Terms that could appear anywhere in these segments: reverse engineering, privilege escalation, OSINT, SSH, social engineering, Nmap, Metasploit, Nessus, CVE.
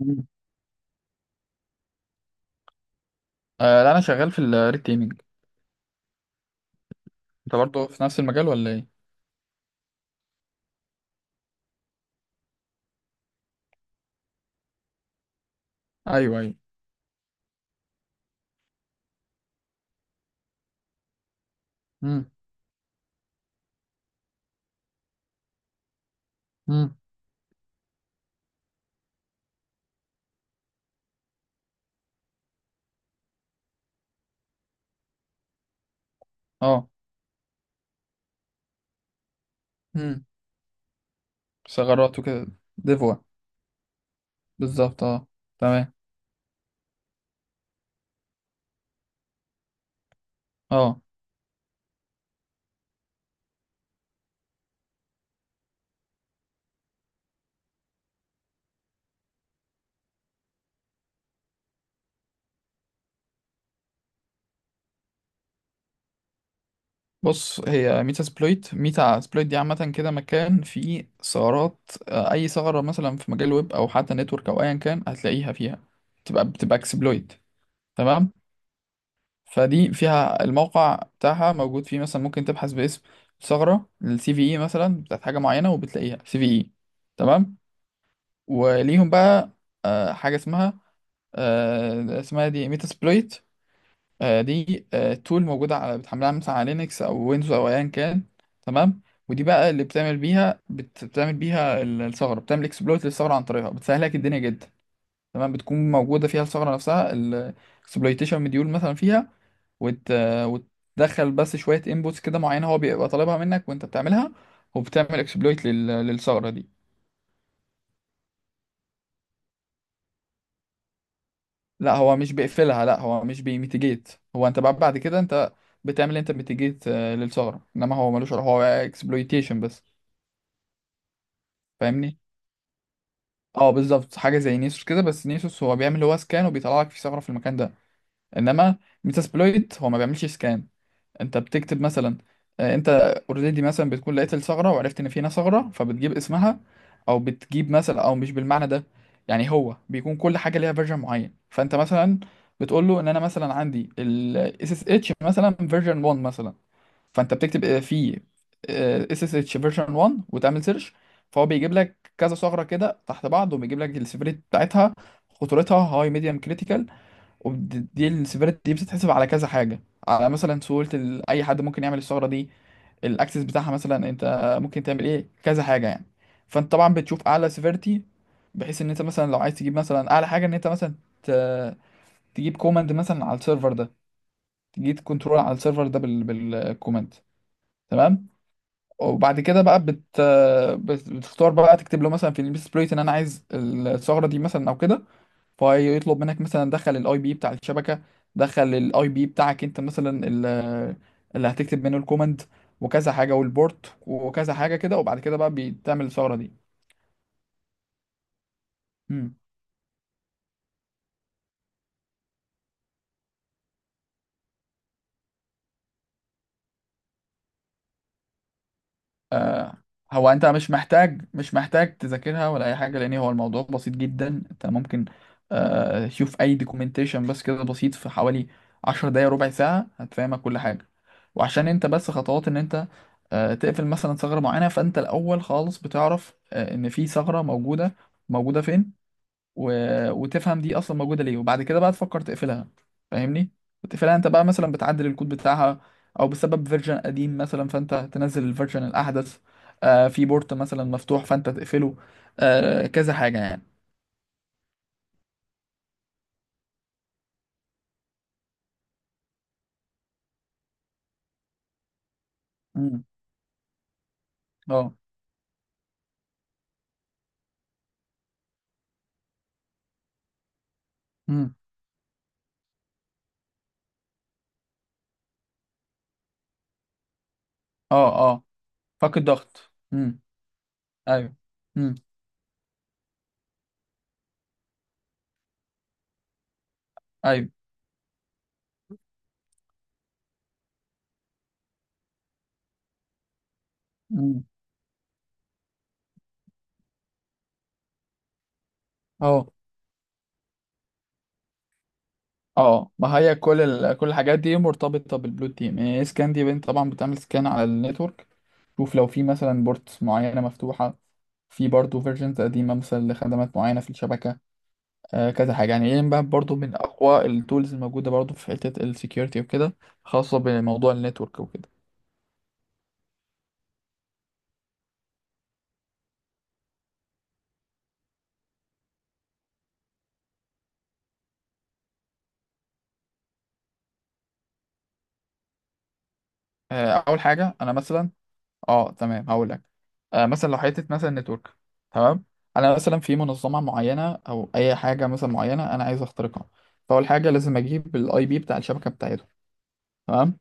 مم. لا، انا شغال في الريت تيمينج. انت برضه في نفس المجال ولا ايه؟ ايوه، ايوه. امم. امم. اه. امم. ثغرات وكده. ديفوا. بالظبط، اه. تمام، اه. بص، هي ميتا سبلويت. ميتا سبلويت دي عامة كده، مكان فيه ثغرات. أي ثغرة مثلا في مجال ويب أو حتى نتورك أو أيا كان هتلاقيها فيها. بتبقى اكسبلويت. تمام. فدي فيها الموقع بتاعها موجود فيه، مثلا ممكن تبحث باسم ثغرة السي في اي مثلا بتاعت حاجة معينة، وبتلاقيها سي في اي. تمام. وليهم بقى حاجة اسمها دي ميتا سبلويت. دي تول موجودة على، بتحملها مثلا على لينكس أو ويندوز أو أيا كان. تمام. ودي بقى اللي بتعمل بيها الثغرة، بتعمل اكسبلويت للثغرة عن طريقها، بتسهل لك الدنيا جدا. تمام. بتكون موجودة فيها الثغرة نفسها، الاكسبلويتيشن مديول مثلا فيها. وت... وتدخل بس شوية انبوتس كده معينة، هو بيبقى طالبها منك وانت بتعملها، وبتعمل اكسبلويت للثغرة دي. لا، هو مش بيقفلها، لا هو مش بيميتيجيت، هو انت بعد كده انت بتعمل انت ميتيجيت للثغره، انما هو ملوش علاقة، هو اكسبلويتيشن بس. فاهمني. اه، بالظبط حاجه زي نيسوس كده، بس نيسوس هو بيعمل هو سكان وبيطلع لك في ثغره في المكان ده، انما ميتاسبلويت هو ما بيعملش سكان. انت بتكتب مثلا، انت اوريدي مثلا بتكون لقيت الثغره وعرفت ان في هنا ثغره، فبتجيب اسمها، او بتجيب مثلا، او مش بالمعنى ده. يعني هو بيكون كل حاجه ليها فيرجن معين، فانت مثلا بتقول له ان انا مثلا عندي ال اس اس اتش مثلا فيرجن 1 مثلا. فانت بتكتب في اس اس اتش فيرجن 1 وتعمل سيرش. فهو بيجيب لك كذا ثغره كده تحت بعض، وبيجيب لك السيفيريتي بتاعتها، خطورتها هاي ميديوم كريتيكال. ودي السيفيريتي دي بتتحسب على كذا حاجة، على مثلا سهولة أي حد ممكن يعمل الثغرة دي، الأكسس بتاعها مثلا. أنت ممكن تعمل إيه، كذا حاجة يعني. فأنت طبعا بتشوف أعلى سيفيريتي، بحيث إن أنت مثلا لو عايز تجيب مثلا أعلى حاجة، إن أنت مثلا ت- تجيب كوماند مثلا على السيرفر ده، تجيب كنترول على السيرفر ده بالكوماند. تمام. وبعد كده بقى بتختار بقى، تكتب له مثلا في البيس بليت إن أنا عايز الثغرة دي مثلا أو كده. فيطلب منك مثلا، دخل الاي بي بتاع الشبكه، دخل الاي بي بتاعك انت مثلا، اللي هتكتب منه الكوماند وكذا حاجه، والبورت وكذا حاجه كده، وبعد كده بقى بتعمل الثغره دي. آه، هو انت مش محتاج تذاكرها ولا اي حاجه، لان هو الموضوع بسيط جدا. انت ممكن تشوف اي دوكيومنتيشن بس كده بسيط، في حوالي 10 دقايق ربع ساعه هتفهمك كل حاجه. وعشان انت بس خطوات ان انت تقفل مثلا ثغره معينه، فانت الاول خالص بتعرف ان في ثغره موجوده، موجوده فين، و... وتفهم دي اصلا موجوده ليه، وبعد كده بقى تفكر تقفلها. فاهمني. وتقفلها انت بقى، مثلا بتعدل الكود بتاعها، او بسبب فيرجن قديم مثلا فانت تنزل الفيرجن الاحدث. في بورت مثلا مفتوح فانت تقفله. كذا حاجه يعني. امم. اه. امم. اه. اه. فك الضغط. امم. ايوه. امم. ايوه. امم. اه. اه، ما هي كل الحاجات دي مرتبطه بالبلو تيم يعني. سكان دي بنت طبعا بتعمل سكان على النتورك، شوف لو في مثلا بورتس معينه مفتوحه، في برضه فيرجنز قديمه مثلا لخدمات معينه في الشبكه. كذا حاجه يعني. ايه بقى برضه من اقوى التولز الموجوده برضه في حته السكيورتي وكده، خاصه بموضوع النتورك وكده. اول حاجه انا مثلا، اه تمام هقول لك. مثلا لو حته مثلا نتورك. تمام. انا مثلا في منظمه معينه او اي حاجه مثلا معينه انا عايز اخترقها. فاول حاجه لازم اجيب الاي بي بتاع الشبكه بتاعتهم. تمام.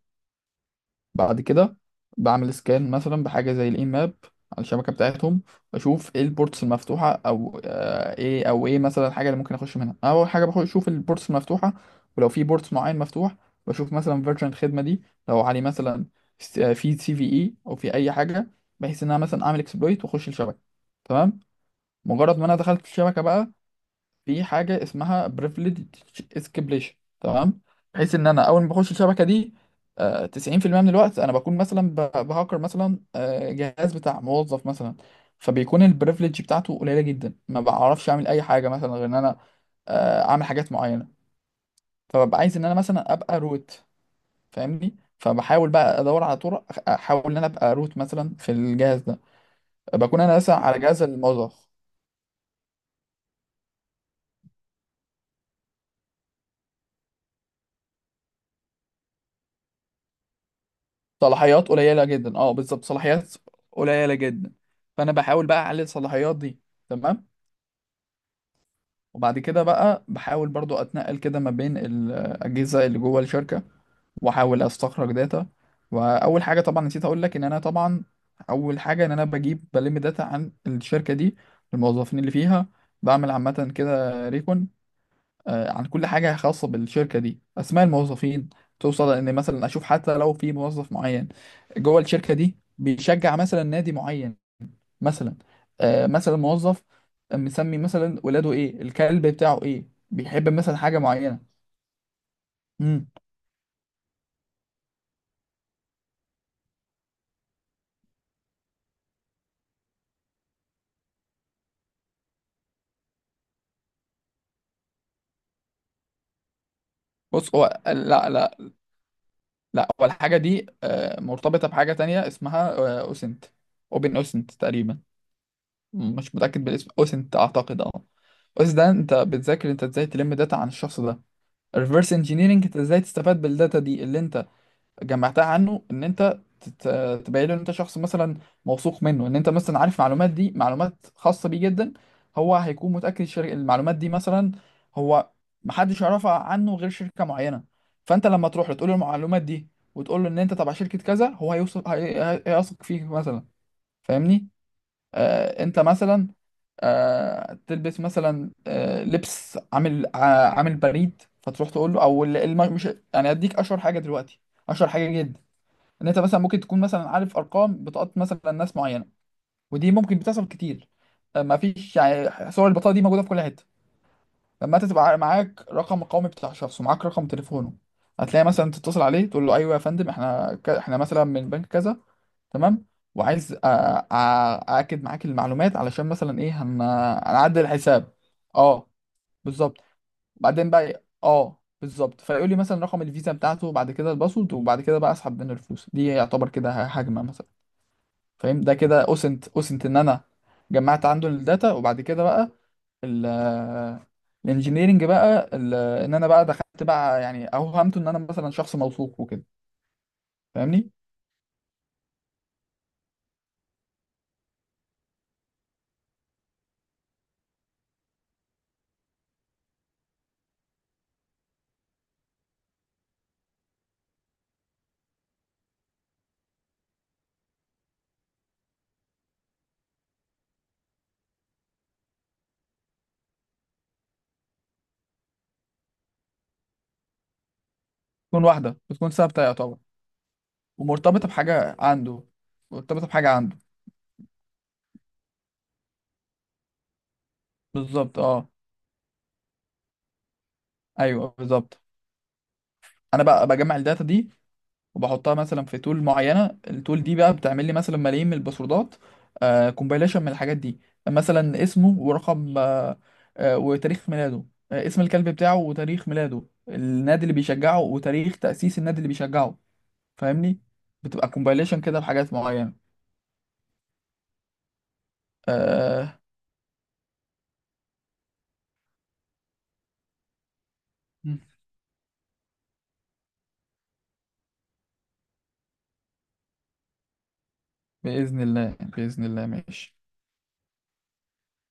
بعد كده بعمل سكان مثلا بحاجة زي الاي ماب على الشبكة بتاعتهم، بشوف ايه البورتس المفتوحة، او ايه مثلا الحاجة اللي ممكن اخش منها. اول حاجة بخش اشوف البورتس المفتوحة، ولو في بورتس معين مفتوح بشوف مثلا فيرجن الخدمة دي، لو عليه مثلا في سي في اي او في اي حاجة، بحيث ان انا مثلا اعمل اكسبلويت واخش الشبكة. تمام. مجرد ما انا دخلت الشبكة بقى، في حاجة اسمها privileged escalation. تمام. بحيث ان انا اول ما بخش الشبكة دي، 90% من الوقت انا بكون مثلا بهكر مثلا جهاز بتاع موظف مثلا. فبيكون البريفليج بتاعته قليلة جدا، ما بعرفش اعمل اي حاجة مثلا غير ان انا اعمل حاجات معينة. فببقى عايز ان انا مثلا ابقى روت. فاهمني. فبحاول بقى ادور على طرق احاول ان انا ابقى روت مثلا في الجهاز ده، بكون انا مثلا على جهاز الموظف، صلاحيات قليله جدا. اه، بالظبط صلاحيات قليله جدا. فانا بحاول بقى اعلي الصلاحيات دي. تمام. وبعد كده بقى بحاول برضو اتنقل كده ما بين الاجهزه اللي جوه الشركه، واحاول استخرج داتا. واول حاجه طبعا نسيت اقول لك ان انا طبعا، اول حاجه ان انا بجيب بلم داتا عن الشركه دي، الموظفين اللي فيها. بعمل عامه كده ريكون عن كل حاجة خاصة بالشركة دي، أسماء الموظفين. توصل إن مثلا أشوف حتى لو في موظف معين جوه الشركة دي بيشجع مثلا نادي معين مثلا. مثلا موظف مسمي مثلا ولاده إيه، الكلب بتاعه إيه، بيحب مثلا حاجة معينة. مم. بص، هو، لا، لا، لا هو الحاجة دي مرتبطة بحاجة تانية اسمها أوسنت، أوبن أوسنت تقريبا، مش متأكد بالاسم. أوسنت أعتقد، أه. أوسنت ده أنت بتذاكر أنت إزاي تلم داتا عن الشخص ده، الريفرس انجينيرنج. انت ازاي تستفاد بالداتا دي اللي انت جمعتها عنه، ان انت تبين له ان انت شخص مثلا موثوق منه، ان انت مثلا عارف معلومات دي، معلومات خاصة بيه جدا، هو هيكون متأكد المعلومات دي مثلا، هو محدش يعرفها عنه غير شركة معينة. فانت لما تروح له تقول له المعلومات دي، وتقول له ان انت تبع شركة كذا، هو هيوثق هيثق فيك مثلا. فاهمني. انت مثلا تلبس مثلا لبس عامل عامل بريد، فتروح تقول له، مش، يعني اديك اشهر حاجه دلوقتي، اشهر حاجه جدا. ان انت مثلا ممكن تكون مثلا عارف ارقام بطاقات مثلا ناس معينه، ودي ممكن بتحصل كتير. ما فيش يعني صور البطاقه دي موجوده في كل حته. لما انت تبقى معاك رقم القومي بتاع شخص ومعاك رقم تليفونه، هتلاقي مثلا تتصل عليه تقول له: ايوه يا فندم، احنا احنا مثلا من بنك كذا، تمام، وعايز ااكد معاك المعلومات علشان مثلا ايه، هنعدل الحساب. اه، بالظبط. بعدين بقى إيه؟ اه، بالظبط. فيقول لي مثلا رقم الفيزا بتاعته، وبعد كده الباسورد، وبعد كده بقى اسحب منه الفلوس. دي يعتبر كده هجمه مثلا. فاهم. ده كده اوسنت. اوسنت ان انا جمعت عنده الداتا، وبعد كده بقى ال الانجينيرنج بقى، ان انا بقى دخلت بقى، يعني اوهمته ان انا مثلا شخص موثوق وكده. فاهمني. تكون واحده بتكون ثابته يعتبر، ومرتبطه بحاجه عنده، مرتبطه بحاجه عنده. بالظبط، اه. ايوه بالظبط. انا بقى بجمع الداتا دي وبحطها مثلا في تول معينه، التول دي بقى بتعمل لي مثلا ملايين من الباسوردات. كومبايليشن من الحاجات دي، مثلا اسمه ورقم، وتاريخ ميلاده، اسم الكلب بتاعه وتاريخ ميلاده، النادي اللي بيشجعه وتاريخ تأسيس النادي اللي بيشجعه. فاهمني. بتبقى كومبايليشن كده بحاجات معينه. آه. مم. بإذن الله. بإذن الله، ماشي.